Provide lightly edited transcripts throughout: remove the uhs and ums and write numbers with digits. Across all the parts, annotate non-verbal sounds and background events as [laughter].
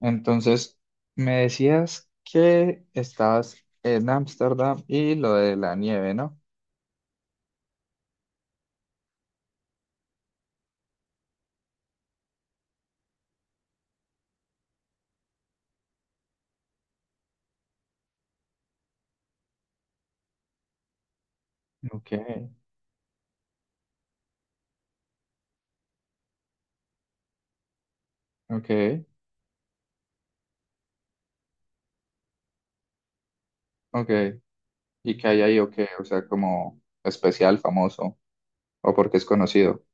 Entonces, me decías que estabas en Ámsterdam y lo de la nieve, ¿no? Ok, ok, ok. ¿Y qué hay ahí o qué? O sea, como especial, famoso, o porque es conocido.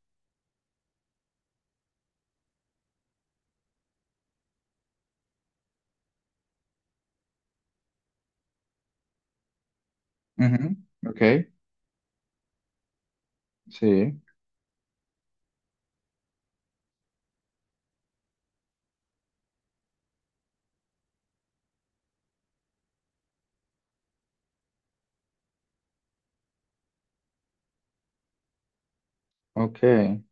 Ujú, ok, sí, ok,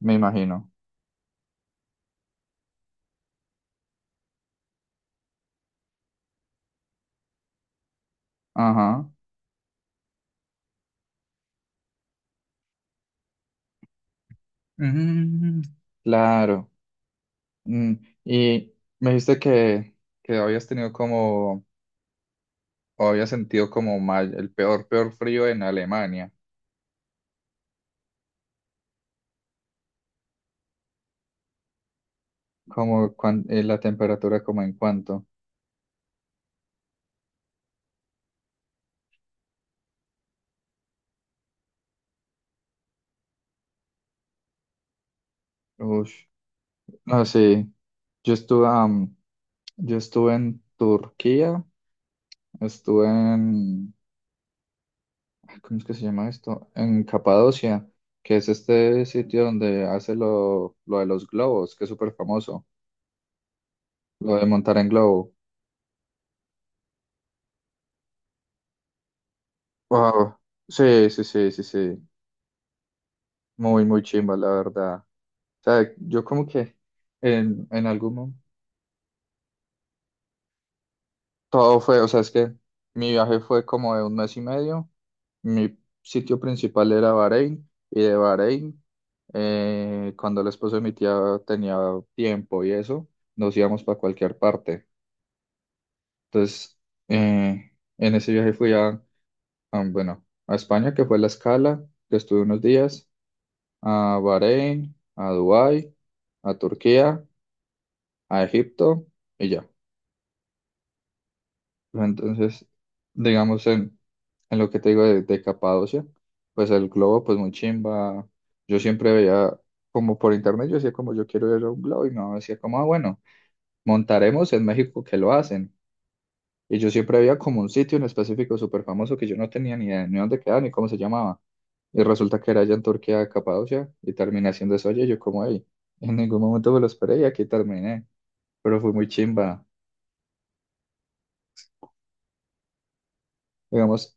me imagino. Ajá. Mm, claro. Mm, y me dijiste que habías tenido como, o habías sentido como mal, el peor, peor frío en Alemania. Como cuan- la temperatura, como en cuánto. Ush. No, sí. Yo estuve, yo estuve en Turquía, estuve en, ay, ¿cómo es que se llama esto? En Capadocia, que es este sitio donde hace lo de los globos, que es súper famoso, lo de montar en globo. Wow. Sí, sí, sí, sí, sí. Muy, muy chimba, la verdad. O sea, yo como que en algún momento, todo fue, o sea, es que mi viaje fue como de un mes y medio. Mi sitio principal era Bahrein y de Bahrein, cuando el esposo de mi tía tenía tiempo y eso, nos íbamos para cualquier parte. Entonces, eh, en ese viaje fui a, bueno, a España, que fue la escala, que estuve unos días, a Bahrein, a Dubái, a Turquía, a Egipto y ya. ¿No? Entonces, digamos, en lo que te digo de Capadocia, pues el globo, pues muy chimba. Yo siempre veía, como por internet, yo decía como yo quiero ir a un globo y mi mamá decía como, ah, bueno, montaremos en México que lo hacen. Y yo siempre veía como un sitio en específico súper famoso que yo no tenía ni idea ni dónde quedaba ni cómo se llamaba. Y resulta que era allá en Turquía, Capadocia, y terminé haciendo eso allí. Y yo como, ahí en ningún momento me lo esperé y aquí terminé. Pero fue muy chimba. Digamos,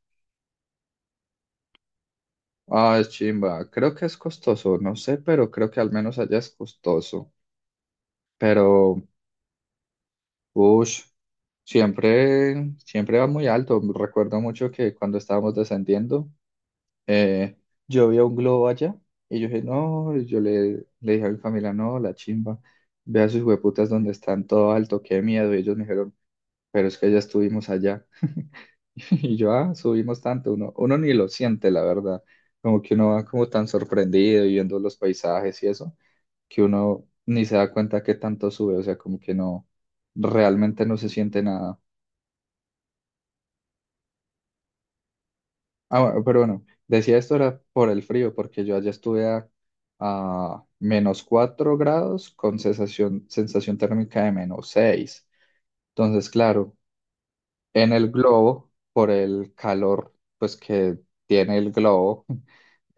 ah, es chimba. Creo que es costoso, no sé, pero creo que al menos allá es costoso. Pero, uff, siempre, siempre va muy alto. Recuerdo mucho que cuando estábamos descendiendo, eh, yo vi un globo allá y yo dije, no, y yo le, le dije a mi familia, no, la chimba, ve a sus hueputas donde están todo alto, qué miedo. Y ellos me dijeron, pero es que ya estuvimos allá. [laughs] Y yo, ah, subimos tanto, uno, uno ni lo siente, la verdad. Como que uno va como tan sorprendido y viendo los paisajes y eso, que uno ni se da cuenta que tanto sube, o sea, como que no, realmente no se siente nada. Ah, bueno, pero bueno, decía esto era por el frío, porque yo allá estuve a -4 grados con sensación, sensación térmica de -6. Entonces, claro, en el globo, por el calor, pues que tiene el globo. [laughs]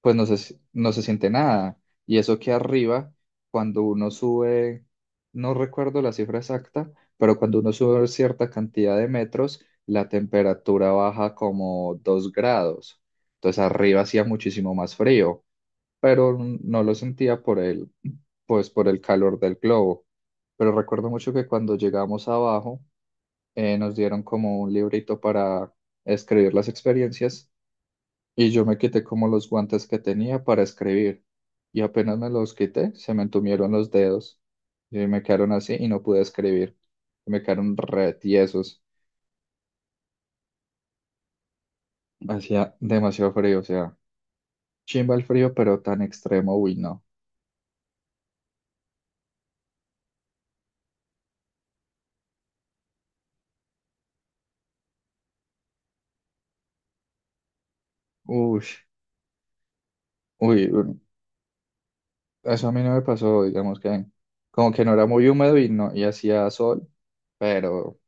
Pues no se, no se siente nada. Y eso que arriba, cuando uno sube, no recuerdo la cifra exacta, pero cuando uno sube cierta cantidad de metros, la temperatura baja como 2 grados. Entonces arriba hacía muchísimo más frío, pero no lo sentía por el, pues por el calor del globo. Pero recuerdo mucho que cuando llegamos abajo, nos dieron como un librito para escribir las experiencias y yo me quité como los guantes que tenía para escribir. Y apenas me los quité, se me entumieron los dedos. Y me quedaron así y no pude escribir. Me quedaron re tiesos. Hacía demasiado frío, o sea, chimba el frío, pero tan extremo, uy, no. Uy, uy, eso a mí no me pasó, digamos que como que no era muy húmedo y no, y hacía sol, pero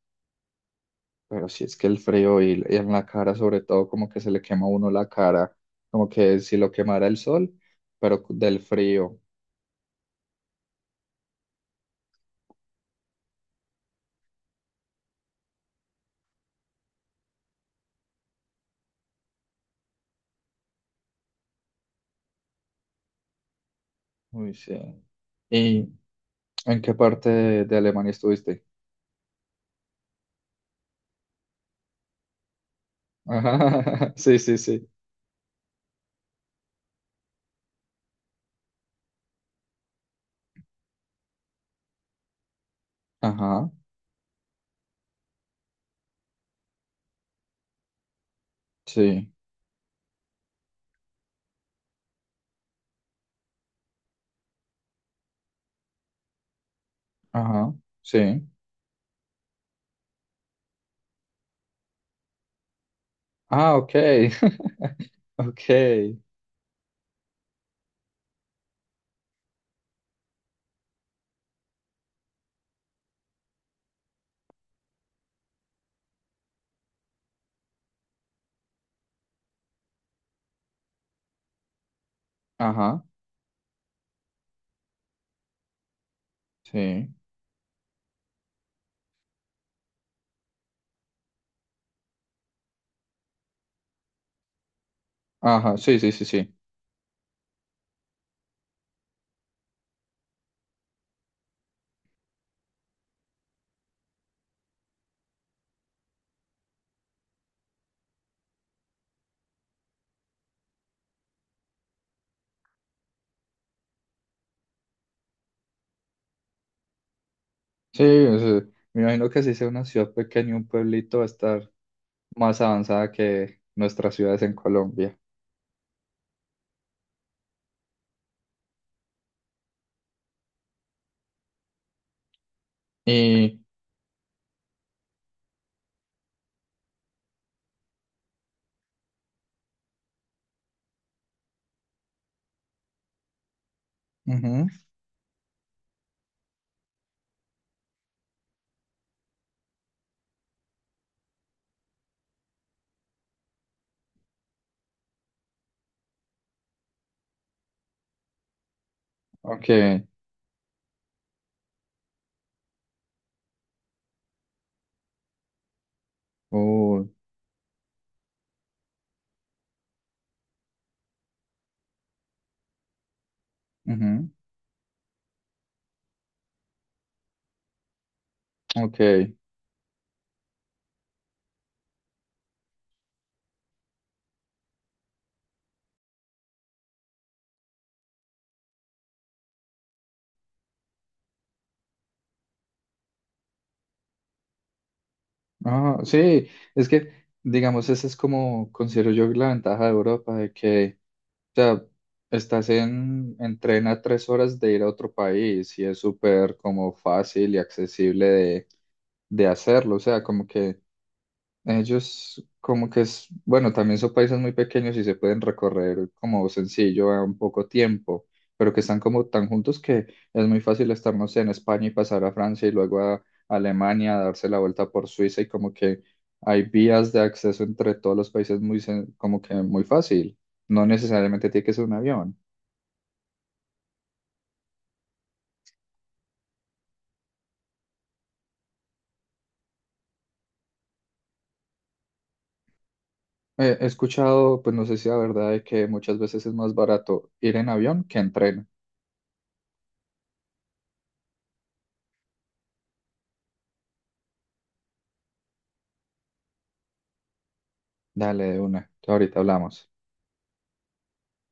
Pero si es que el frío y en la cara, sobre todo, como que se le quema a uno la cara, como que si lo quemara el sol, pero del frío. Uy, sí. ¿Y en qué parte de Alemania estuviste? Ajá, [laughs] sí, sí, sí. Ajá, sí. Ajá, sí. Ah, ok. [laughs] Ok. Ajá, sí. Ajá, sí, sí, sí, sí. Sí, o sea, me imagino que si sea una ciudad pequeña, un pueblito va a estar más avanzada que nuestras ciudades en Colombia. Y ujú, okay. Oh, ujú, okay. Ah, sí, es que, digamos, esa es como considero yo la ventaja de Europa, de que, o sea, estás en tren a 3 horas de ir a otro país y es súper como fácil y accesible de hacerlo. O sea, como que ellos como que es, bueno, también son países muy pequeños y se pueden recorrer como sencillo a un poco tiempo, pero que están como tan juntos que es muy fácil estar, no sé, en España y pasar a Francia y luego a Alemania, darse la vuelta por Suiza y como que hay vías de acceso entre todos los países muy, como que muy fácil. No necesariamente tiene que ser un avión. He escuchado, pues no sé si la verdad, de que muchas veces es más barato ir en avión que en tren. Dale, de una, ahorita hablamos.